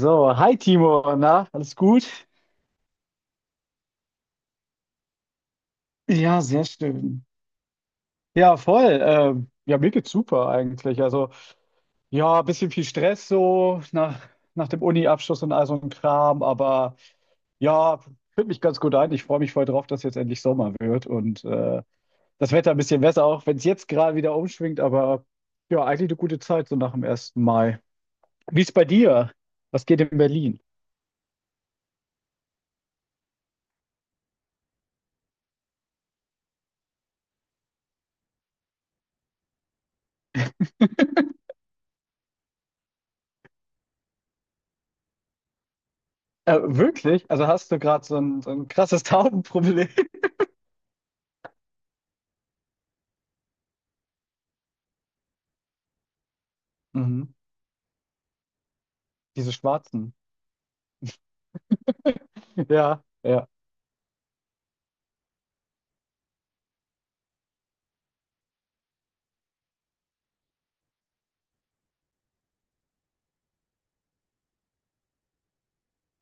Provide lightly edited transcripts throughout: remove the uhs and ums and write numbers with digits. So, hi Timo, na, alles gut? Ja, sehr schön. Ja, voll. Ja, mir geht's super eigentlich. Also, ja, ein bisschen viel Stress so nach dem Uni-Abschluss und all so ein Kram, aber ja, fühlt mich ganz gut ein. Ich freue mich voll drauf, dass jetzt endlich Sommer wird und das Wetter ein bisschen besser, auch wenn es jetzt gerade wieder umschwingt, aber ja, eigentlich eine gute Zeit so nach dem ersten Mai. Wie ist bei dir? Was geht in Berlin? Wirklich? Also hast du gerade so ein krasses Taubenproblem? Mhm. Diese schwarzen. Ja, ja.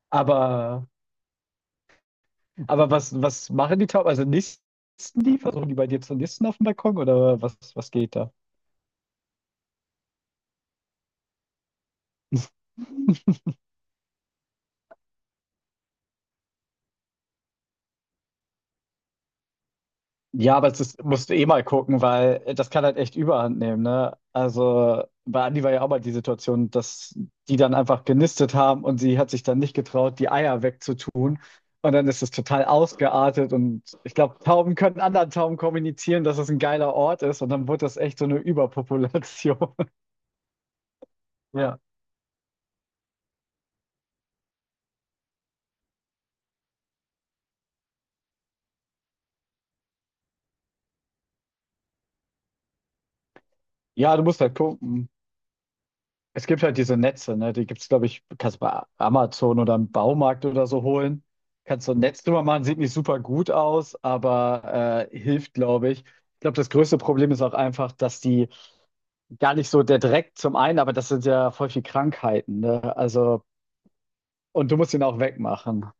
Aber, aber was machen die Tauben? Also nisten die? Versuchen die bei dir zu nisten auf dem Balkon oder was geht da? Ja, aber das musst du eh mal gucken, weil das kann halt echt Überhand nehmen, ne? Also bei Andi war ja auch mal die Situation, dass die dann einfach genistet haben und sie hat sich dann nicht getraut, die Eier wegzutun. Und dann ist es total ausgeartet und ich glaube, Tauben können anderen Tauben kommunizieren, dass es ein geiler Ort ist und dann wird das echt so eine Überpopulation. Ja. Ja, du musst halt gucken. Es gibt halt diese Netze, ne? Die gibt's, glaube ich, kannst du bei Amazon oder im Baumarkt oder so holen. Kannst so ein Netz drüber machen, sieht nicht super gut aus, aber hilft, glaube ich. Ich glaube, das größte Problem ist auch einfach, dass die gar nicht so der Dreck zum einen, aber das sind ja voll viel Krankheiten, ne? Also, und du musst ihn auch wegmachen.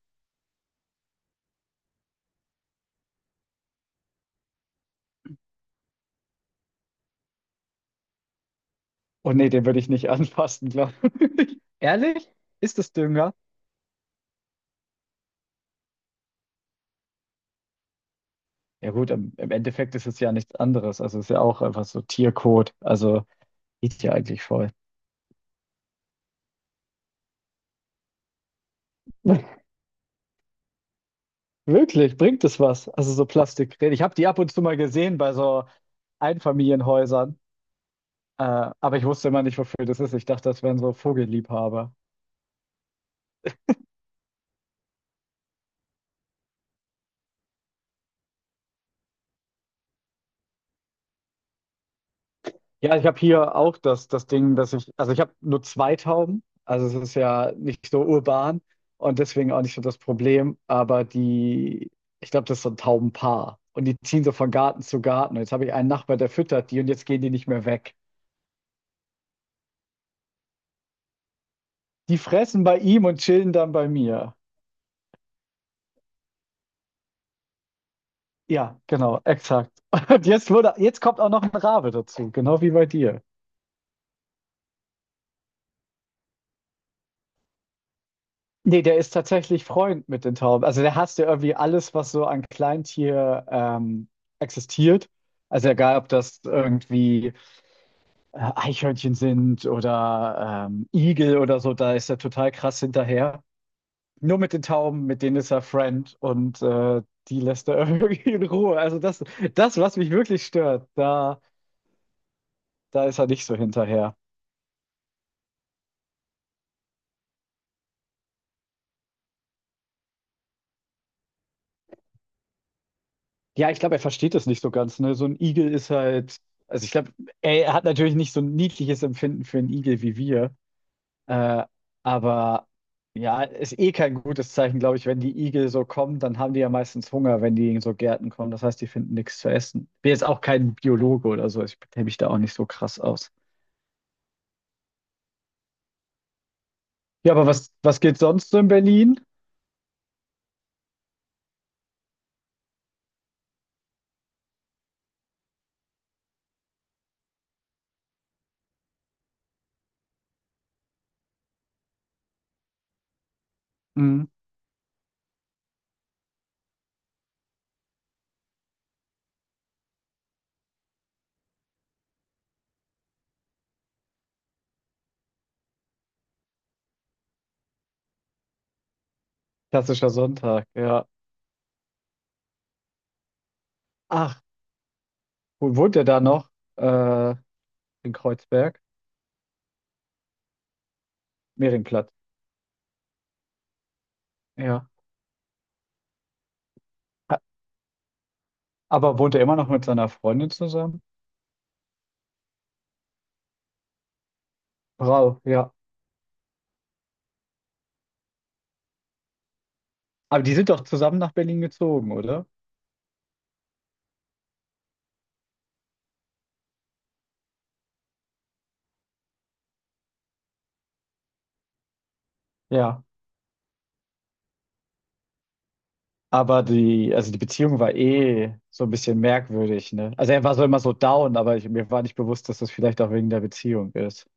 Und nee, den würde ich nicht anfassen, glaube ich. Ehrlich? Ist das Dünger? Ja gut, im Endeffekt ist es ja nichts anderes. Also es ist ja auch einfach so Tierkot. Also geht ja eigentlich voll. Wirklich, bringt es was? Also so Plastikräder. Ich habe die ab und zu mal gesehen bei so Einfamilienhäusern, aber ich wusste immer nicht, wofür das ist. Ich dachte, das wären so Vogelliebhaber. Ja, ich habe hier auch das Ding, dass ich, also ich habe nur zwei Tauben, also es ist ja nicht so urban und deswegen auch nicht so das Problem, aber die, ich glaube, das ist so ein Taubenpaar und die ziehen so von Garten zu Garten. Und jetzt habe ich einen Nachbar, der füttert die und jetzt gehen die nicht mehr weg. Die fressen bei ihm und chillen dann bei mir. Ja, genau, exakt. Und jetzt wurde, jetzt kommt auch noch ein Rabe dazu, genau wie bei dir. Nee, der ist tatsächlich Freund mit den Tauben. Also der hasst ja irgendwie alles, was so an Kleintier existiert. Also egal, ob das irgendwie Eichhörnchen sind oder Igel oder so, da ist er total krass hinterher. Nur mit den Tauben, mit denen ist er Friend und die lässt er irgendwie in Ruhe. Also das, das, was mich wirklich stört, da, da ist er nicht so hinterher. Ja, ich glaube, er versteht das nicht so ganz, ne? So ein Igel ist halt, also ich glaube, er hat natürlich nicht so ein niedliches Empfinden für einen Igel wie wir, äh, aber ja, ist eh kein gutes Zeichen, glaube ich, wenn die Igel so kommen, dann haben die ja meistens Hunger, wenn die in so Gärten kommen. Das heißt, die finden nichts zu essen. Bin jetzt auch kein Biologe oder so, ich kenne mich da auch nicht so krass aus. Ja, aber was geht sonst so in Berlin? Mhm. Klassischer Sonntag, ja. Ach, wo wohnt ihr da noch? Äh, in Kreuzberg? Mehringplatz, ja. Aber wohnt er immer noch mit seiner Freundin zusammen? Frau, ja. Aber die sind doch zusammen nach Berlin gezogen, oder? Ja. Aber die, also die Beziehung war eh so ein bisschen merkwürdig, ne? Also er war so immer so down, aber ich, mir war nicht bewusst, dass das vielleicht auch wegen der Beziehung ist.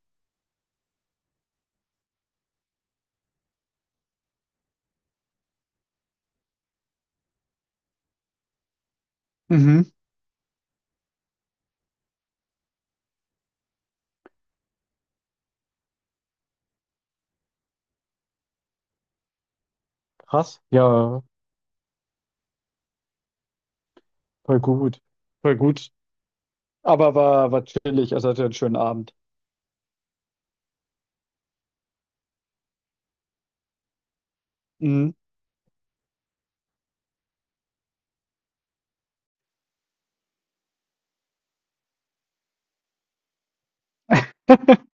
Mhm. Krass. Ja, voll gut. Voll gut. Aber war, war chillig, also hatte einen schönen Abend. Mhm.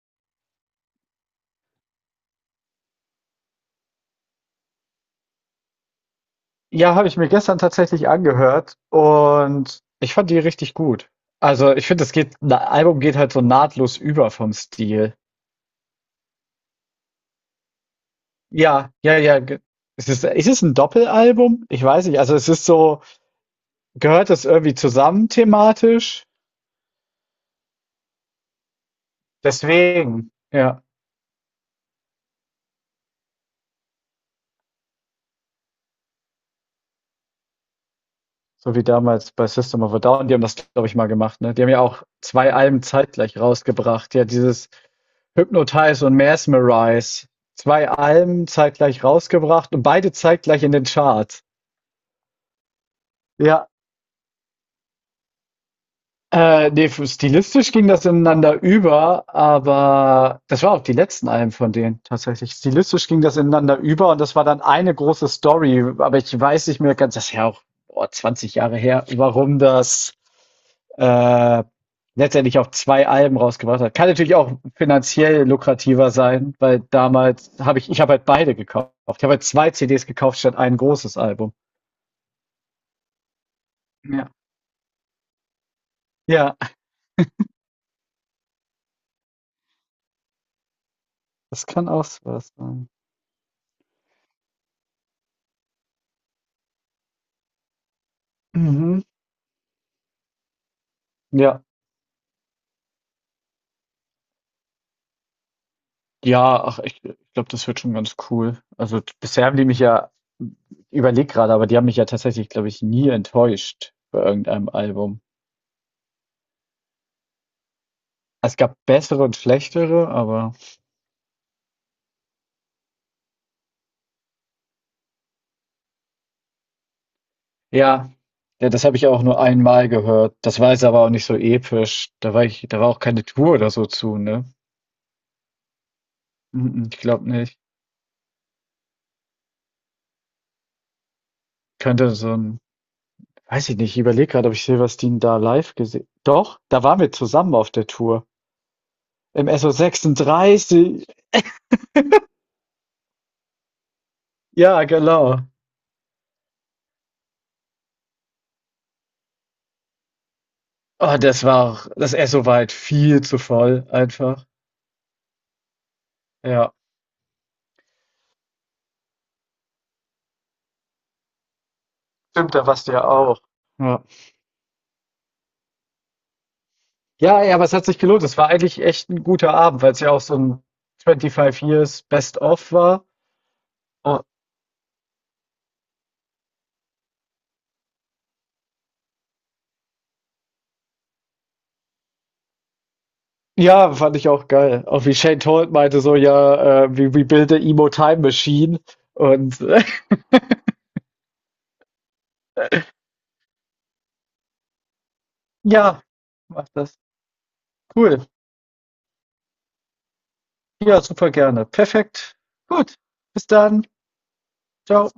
Ja, habe ich mir gestern tatsächlich angehört und ich fand die richtig gut. Also, ich finde, das geht 'n Album geht halt so nahtlos über vom Stil. Ja, ja, ja, ge es ist ist es 'n Doppelalbum? Ich weiß nicht. Also, es ist so gehört das irgendwie zusammen thematisch? Deswegen, ja. So wie damals bei System of a Down, die haben das, glaube ich, mal gemacht, ne? Die haben ja auch zwei Alben zeitgleich rausgebracht. Ja, dieses Hypnotize und Mesmerize. Zwei Alben zeitgleich rausgebracht und beide zeitgleich in den Charts. Ja. Ne, f stilistisch ging das ineinander über, aber das war auch die letzten Alben von denen tatsächlich. Stilistisch ging das ineinander über und das war dann eine große Story, aber ich weiß nicht mehr ganz, das ist ja auch, boah, 20 Jahre her, warum das äh, letztendlich auch zwei Alben rausgebracht hat. Kann natürlich auch finanziell lukrativer sein, weil damals habe ich, ich habe halt beide gekauft. Ich habe halt zwei CDs gekauft statt ein großes Album. Ja. Ja, das kann auch so was sein. Mhm. Ja. Ja, ach, ich glaube, das wird schon ganz cool. Also, d bisher haben die mich ja ich gerade, aber die haben mich ja tatsächlich, glaube ich, nie enttäuscht bei irgendeinem Album. Es gab bessere und schlechtere, aber ja, ja, das habe ich auch nur einmal gehört. Das war jetzt aber auch nicht so episch. Da war ich da war auch keine Tour oder so zu, ne? Mm, ich glaube nicht. Könnte so ein, weiß ich nicht, ich überlege gerade, ob ich Silverstein da live gesehen. Doch, da waren wir zusammen auf der Tour im SO36. Ja, genau. Oh, das war auch das Esso war halt viel zu voll einfach. Ja. Stimmt, da warst du ja auch. Ja. Ja, ey, aber es hat sich gelohnt. Es war eigentlich echt ein guter Abend, weil es ja auch so 'n 25 Years Best of war. Oh. Ja, fand ich auch geil. Auch wie Shane Told meinte so: „Ja, we build the emo time machine“ und ja, macht das. Cool. Ja, super gerne. Perfekt. Gut. Bis dann. Ciao.